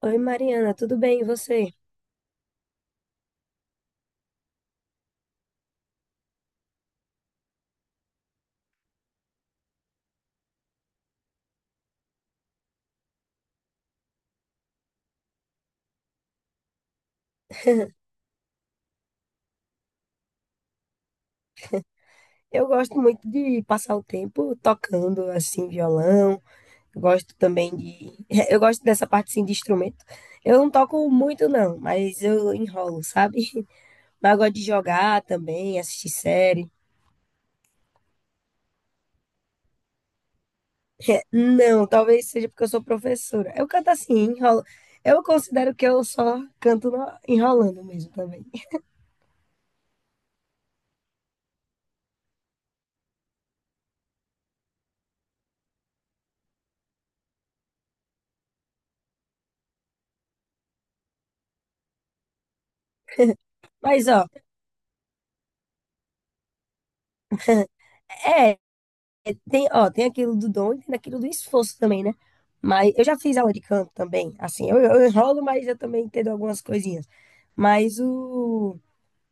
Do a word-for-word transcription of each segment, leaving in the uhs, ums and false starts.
Oi, Mariana, tudo bem? E você? Eu gosto muito de passar o tempo tocando assim violão. Gosto também de eu gosto dessa parte assim de instrumento. Eu não toco muito não, mas eu enrolo, sabe? Mas eu gosto de jogar também, assistir série. Não, talvez seja porque eu sou professora. Eu canto assim, enrolo. Eu considero que eu só canto no- enrolando mesmo também. Mas, ó, é, tem, ó, tem aquilo do dom e tem aquilo do esforço também, né? Mas eu já fiz aula de canto também, assim, eu, eu enrolo, mas eu também entendo algumas coisinhas. Mas o,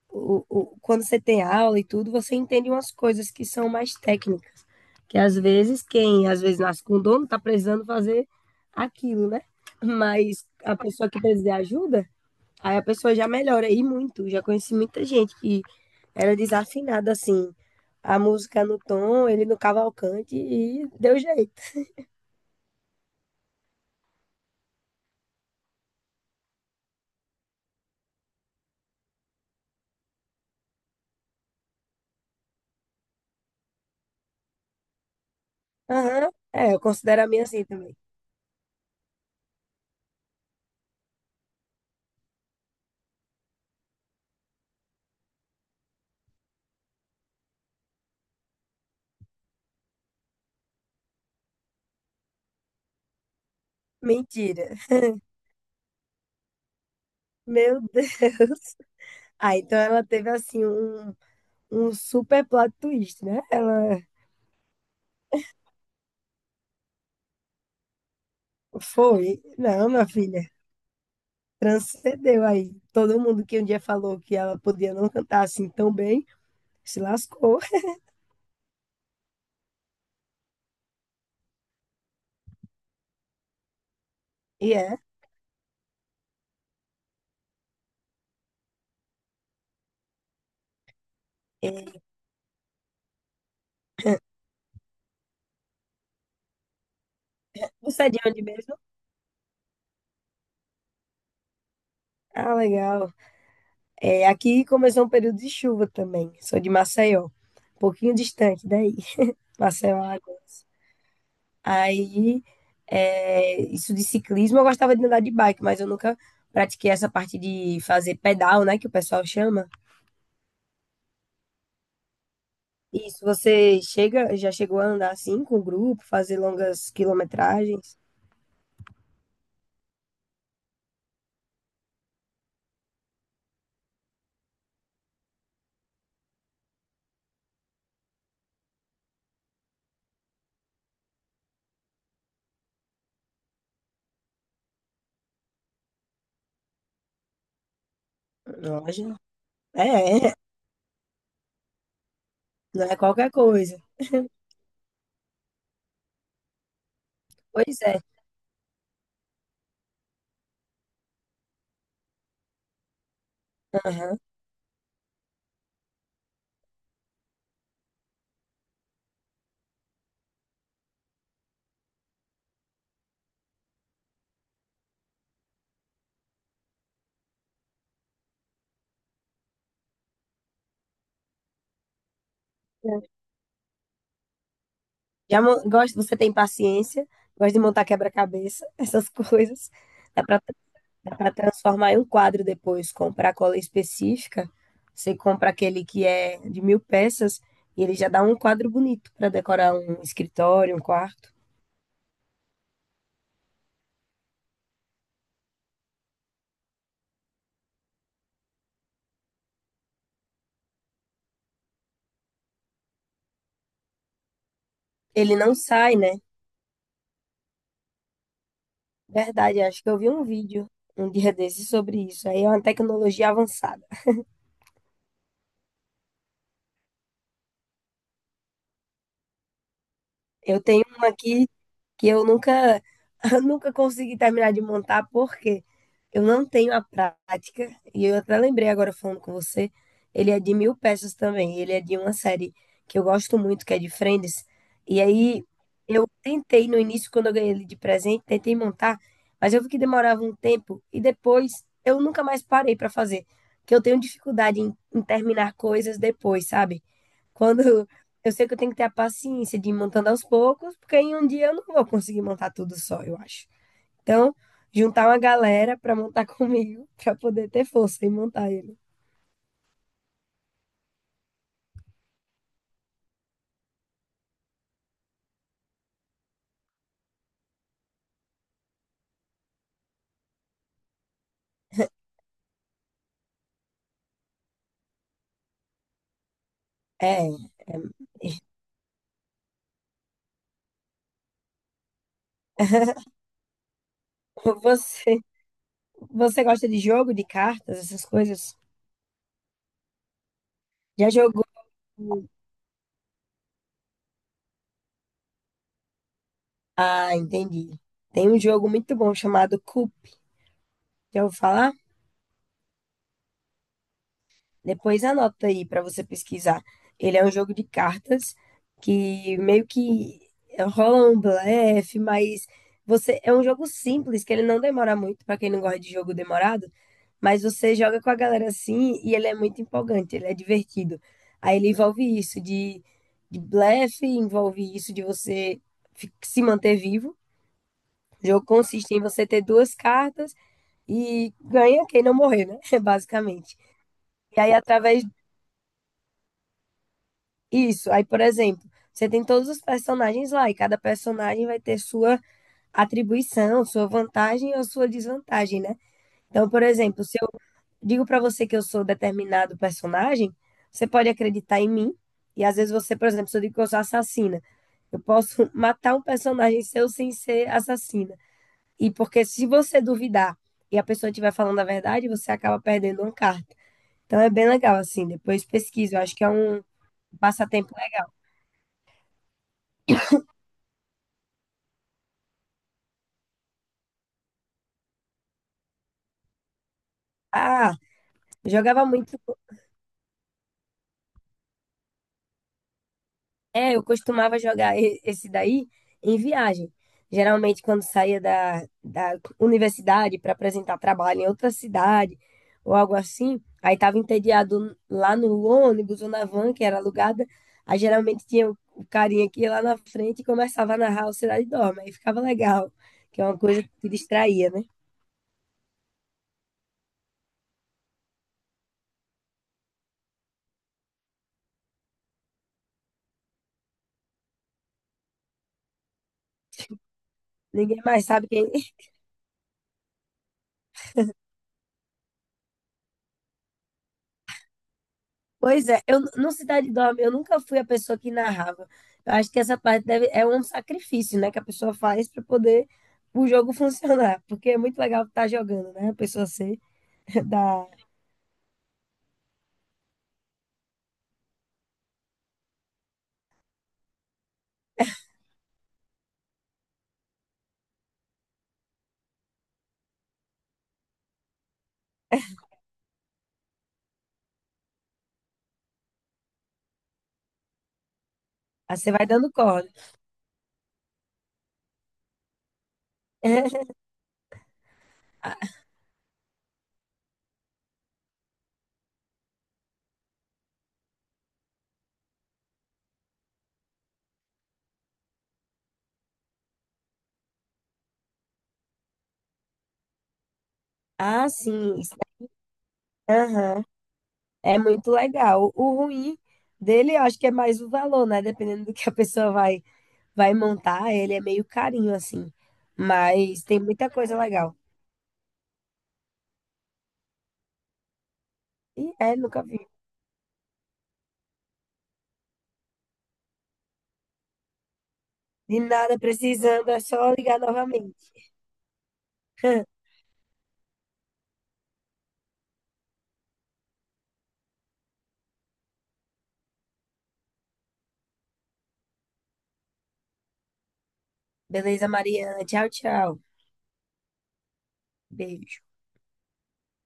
o, o- quando você tem aula e tudo, você entende umas coisas que são mais técnicas, que às vezes quem às vezes nasce com dono está precisando fazer aquilo, né? Mas a pessoa que precisa de ajuda, aí a pessoa já melhora e muito. Já conheci muita gente que era desafinada assim, a música no tom, ele no cavalcante e deu jeito. Aham. É, eu considero a minha assim também. Mentira. Meu Deus. Ah, então ela teve assim um um super plot twist, né? Ela foi. Não, minha filha, transcendeu aí. Todo mundo que um dia falou que ela podia não cantar assim tão bem, se lascou. E é. É. Você é de onde mesmo? Ah, legal. É, aqui começou um período de chuva também. Sou de Maceió, um pouquinho distante daí. Maceió, Alagoas. Aí, é, isso de ciclismo, eu gostava de andar de bike, mas eu nunca pratiquei essa parte de fazer pedal, né, que o pessoal chama. Isso, você chega, já chegou a andar assim com o grupo, fazer longas quilometragens? Loja? É, é, não é qualquer coisa. Pois é. Aham. Já mo- gosto, você tem paciência, gosta de montar quebra-cabeça, essas coisas. Dá para Dá para transformar em um quadro depois, comprar cola específica. Você compra aquele que é de mil peças e ele já dá um quadro bonito para decorar um escritório, um quarto. Ele não sai, né? Verdade, acho que eu vi um vídeo um dia desses sobre isso. Aí é uma tecnologia avançada. Eu tenho uma aqui que eu nunca, eu nunca consegui terminar de montar porque eu não tenho a prática. E eu até lembrei agora falando com você, ele é de mil peças também. Ele é de uma série que eu gosto muito, que é de Friends. E aí eu tentei no início, quando eu ganhei ele de presente, tentei montar, mas eu vi que demorava um tempo e depois eu nunca mais parei para fazer, que eu tenho dificuldade em, em terminar coisas depois, sabe? Quando eu sei que eu tenho que ter a paciência de ir montando aos poucos, porque em um dia eu não vou conseguir montar tudo só, eu acho. Então, juntar uma galera para montar comigo, para poder ter força e montar ele. É. Você, Você gosta de jogo, de cartas, essas coisas? Já jogou? Ah, entendi. Tem um jogo muito bom chamado Coup. Já ouviu falar? Depois anota aí para você pesquisar. Ele é um jogo de cartas que meio que rola um blefe, mas você é um jogo simples que ele não demora muito para quem não gosta de jogo demorado, mas você joga com a galera assim e ele é muito empolgante, ele é divertido. Aí ele envolve isso de, de blefe, envolve isso de você fi- se manter vivo. O jogo consiste em você ter duas cartas e ganha quem não morrer, né? Basicamente. E aí, através Isso. Aí, por exemplo, você tem todos os personagens lá e cada personagem vai ter sua atribuição, sua vantagem ou sua desvantagem, né? Então, por exemplo, se eu digo para você que eu sou determinado personagem, você pode acreditar em mim. E às vezes você, por exemplo, se eu digo que eu sou assassina, eu posso matar um personagem seu sem ser assassina. E porque se você duvidar e a pessoa estiver falando a verdade, você acaba perdendo uma carta. Então é bem legal assim, depois pesquisa, eu acho que é um passatempo legal. Ah, jogava muito. É, eu costumava jogar e- esse daí em viagem. Geralmente, quando saía da, da universidade para apresentar trabalho em outra cidade ou algo assim, aí tava entediado lá no ônibus ou na van que era alugada. Aí geralmente tinha o, o carinha que ia lá na frente e começava a narrar o Cidade Dorme. Aí ficava legal, que é uma coisa que te distraía, né? Ninguém mais sabe quem. Pois é, eu no Cidade Dorme, eu nunca fui a pessoa que narrava. Eu acho que essa parte deve, é um sacrifício, né, que a pessoa faz para poder o jogo funcionar, porque é muito legal estar jogando, né? A pessoa ser da, ah, você vai dando corda. Ah, sim. isso- Aham. É muito legal. O ruim dele, eu acho que é mais o valor, né? Dependendo do que a pessoa vai vai montar, ele é meio carinho assim. Mas tem muita coisa legal. E é, nunca vi. De nada, precisando, é só ligar novamente. Beleza, Mariana. Tchau, tchau. Beijo.